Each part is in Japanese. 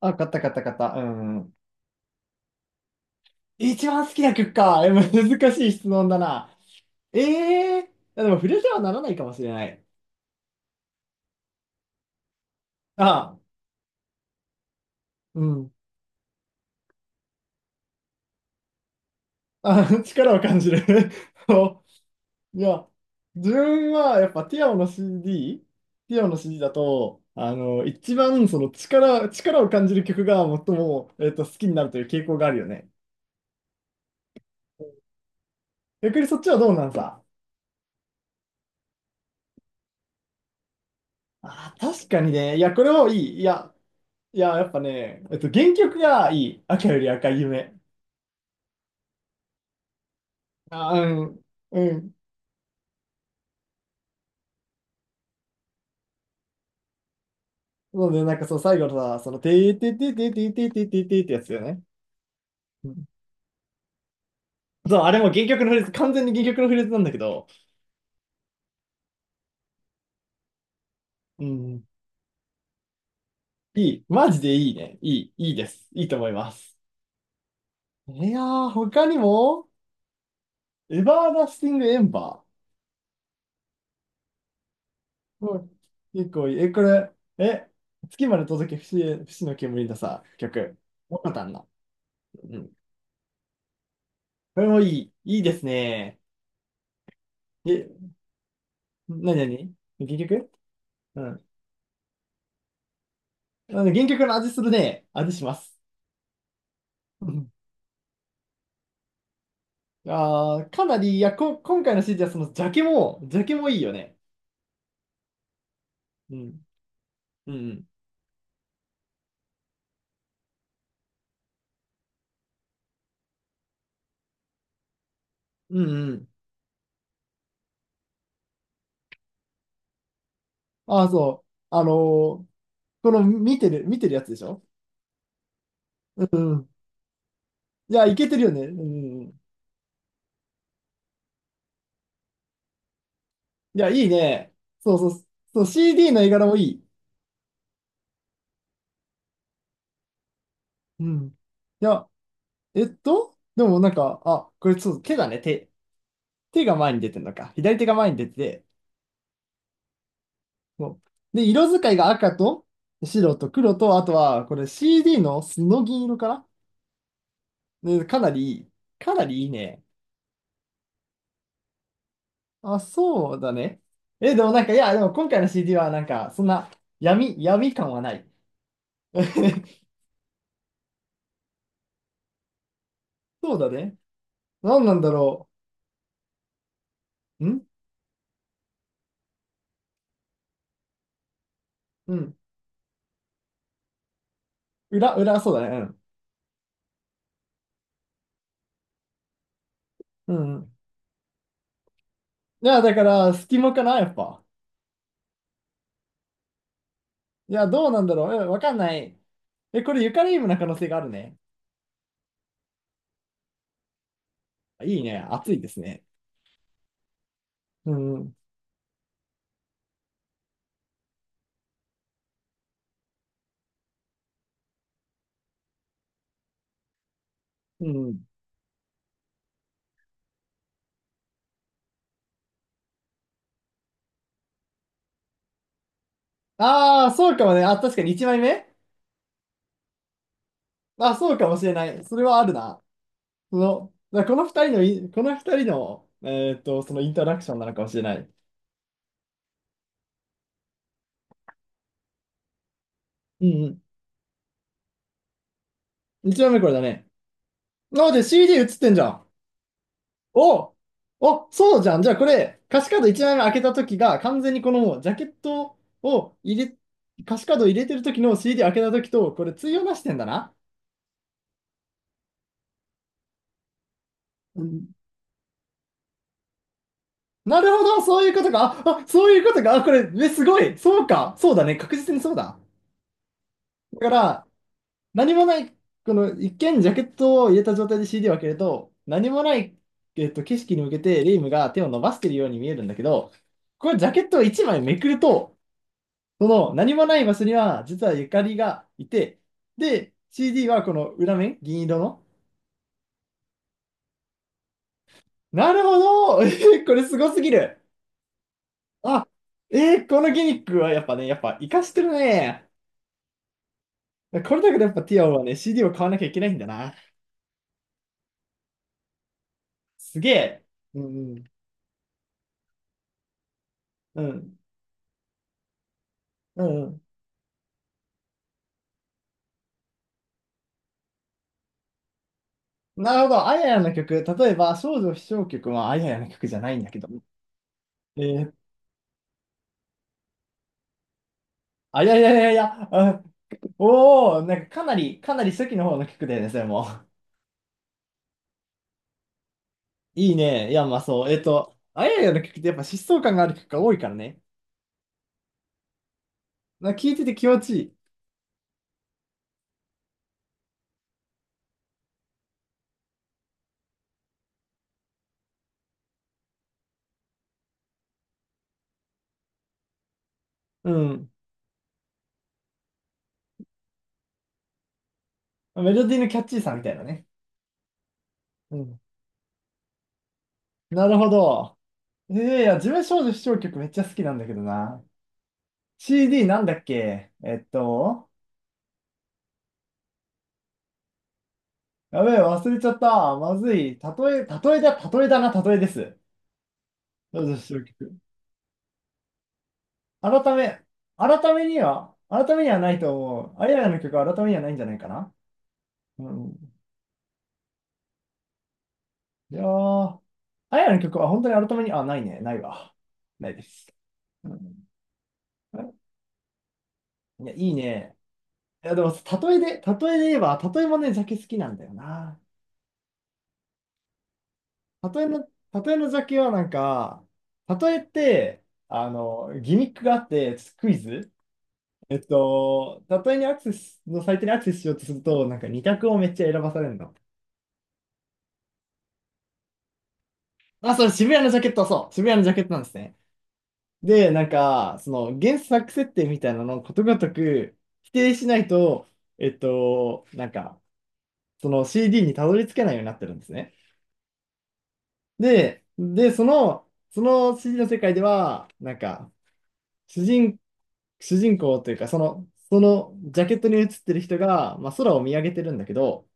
あ、買った。うん。一番好きな曲か。え、難しい質問だな。ええー、でも触れてはならないかもしれない。ああ、うん。あ、力を感じる。そう。いや、自分はやっぱティアオの CD、ティアオの CD だと、一番その力を感じる曲が最も、好きになるという傾向があるよね。逆にそっちはどうなんさ。あー、確かにね。いや、これもいい。いや、やっぱね、原曲がいい。赤より赤い夢。あ、うん、うん。そうね、そう、最後のさ、その、てーてーてーてーてーてーてーてーてーってやつだよね。うん。そう、あれも原曲のフレーズ、完全に原曲のフレーズなんだけど、うん、いい。マジでいいね。いい、いいです。いいと思います。いやー、他にも、エバーダスティングエンバー。うん。結構いい。え、これ、え、月まで届け、不の煙のさ、曲。よかったな。うん。これもいい。いいですね。え、なになに原曲。うん。あの原曲の味するね。味します。うん。あーかなり、今回の CD はそのジャケも、ジャケもいいよね。うん。うん。うんうん。ああ、そう。ーこの見てるやつでしょ。うん。いや、いけてるよね。うんうん。いや、いいね。そうそう。そう、CD の絵柄もいい。うん。いや、でもなんか、あ、これそう、手だね。手。手が前に出てるのか。左手が前に出てて、そう。で、色使いが赤と白と黒と、あとは、これ CD のスノ銀色かな。ねかなりいい、かなりいいね。あ、そうだね。え、でもなんか、いや、でも今回の CD はなんか、そんな闇感はない。そうだね。何なんだろう。んうん。裏、そうだね。うん。うんうん。いや、だから、隙間かな、やっぱ。いや、どうなんだろう。えわかんない。え、これ、ユカリームな可能性があるね。いいね。熱いですね。うん。うん。ああ、そうかもね。あ、確かに1枚目。あ、そうかもしれない。それはあるな。その、だからこの2人のこの二人の、そのインタラクションなのかもしれない。うんうん。1枚目これだね。あ、で CD 映ってんじゃん。おお、そうじゃん。じゃあこれ、歌詞カード1枚目開けた時が、完全にこのジャケットを入れ、歌詞カードを入れてる時の CD 開けた時と、これ対応なしてんだな。うん。なるほど、そういうことか。あ、そういうことか。あ、これ、え、すごい。そうか。そうだね。確実にそうだ。だから、何もない、この一見ジャケットを入れた状態で CD を開けると、何もない、景色に向けてレイムが手を伸ばしているように見えるんだけど、これジャケットを1枚めくると、その何もない場所には実はゆかりがいて、で、CD はこの裏面、銀色の。なるほど、えーこれすごすぎる。あ、えーこのギミックはやっぱね、やっぱ活かしてるね。これだけでやっぱティアオはね、CD を買わなきゃいけないんだな。すげえ。うんうん。うん。うんうん。なるほど。あややの曲。例えば、少女飛翔曲はあややの曲じゃないんだけど。えー、あ、いやいやいやいや、あ、おお、なんかかなり、かなり初期の方の曲だよね、それも。いいね。いや、まあそう。あややの曲ってやっぱ疾走感がある曲が多いからね。なんか聞いてて気持ちいい。うん。メロディーのキャッチーさみたいなね。うん。なるほど。えー、いや、自分少女視聴曲めっちゃ好きなんだけどな。CD なんだっけやべえ、忘れちゃった。まずい。例えだ、例えだな、例えです。私の曲。改め、改めには、改めにはないと思う。あややの曲は改めにはないんじゃないかな。うん。いやー、あややの曲は本当に改めに、あ、ないね、ないわ。ないです。うん、いや、いいね。いや、でも、例えで言えば、例えもね、ジャケ好きなんだよな。例えの、例えのジャケはなんか、例えって、ギミックがあって、クイズ、例えにアクセスのサイトにアクセスしようとすると、なんか2択をめっちゃ選ばされるの。あ、それ渋谷のジャケット、そう、渋谷のジャケットなんですね。で、なんか、その原作設定みたいなのをことごとく否定しないと、えっと、なんか、その CD にたどり着けないようになってるんですね。で、その CD の世界では、なんか、主人、主人公というか、その、そのジャケットに写ってる人が、まあ、空を見上げてるんだけど、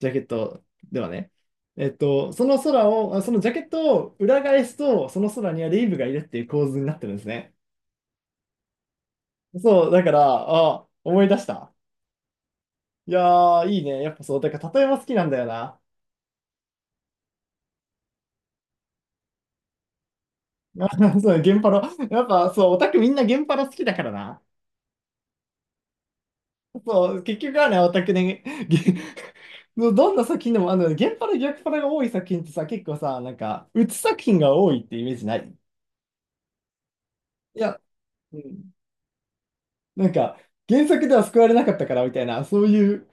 ジャケットではね。その空を、あそのジャケットを裏返すと、その空にはレイブがいるっていう構図になってるんですね。そう、だから、あ、思い出した。いやー、いいね。やっぱそう、だから例えば好きなんだよな。あそう、ゲンパロ。やっぱそう、オタクみんなゲンパロ好きだからな。そう、結局はね、オタクね、ゲ、ど どんな作品でも、ゲンパロ、逆パロが多い作品ってさ、結構さ、なんか、鬱作品が多いってイメージない？いや、うん。なんか、原作では救われなかったからみたいな、そういう、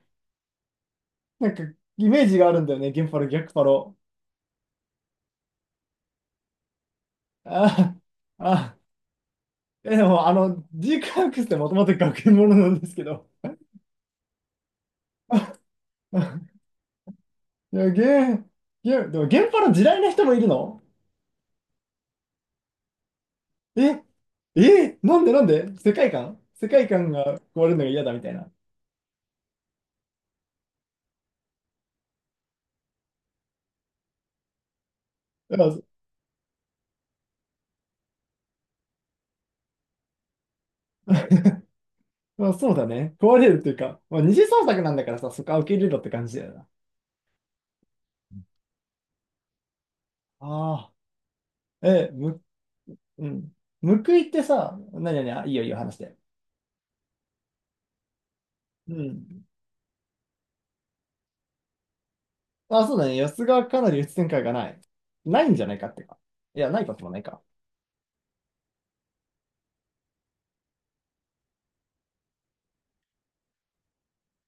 なんか、イメージがあるんだよね、ゲンパロ、逆パロ。あああ。え、でも、ジークアークスってもともと学園ものなんですけど。いや、ー、ゲー、でも、現場の地雷な人もいるの？え、なんでなんで世界観が壊れるのが嫌だみたいな。い、まあ、そうだね。壊れるっていうか、まあ、二次創作なんだからさ、そこは受け入れろって感じだよな。ああ、うん。報いってさ、なになに、あいいよいいよ、話して。うん。あ、そうだね。安がかなり鬱展開がない。ないんじゃないかってか。いや、ないこともないか。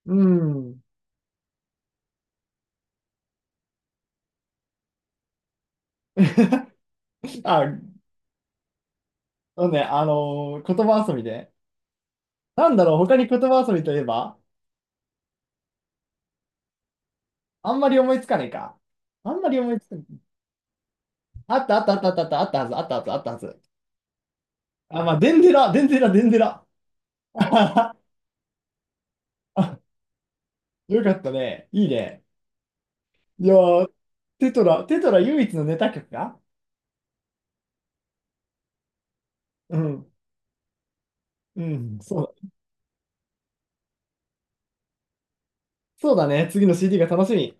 うん。あ、そうね、言葉遊びで。なんだろう、他に言葉遊びといえばあんまり思いつかないか。あんまり思いつかない。あったあったあったあったあったあったはず、あったはず、あったはず。あ、まあ、デンデラ。あよかったね。いいね。いやー、テトラ唯一のネタ曲か。うん。うん、そうだ。そうだね。次の CD が楽しみ。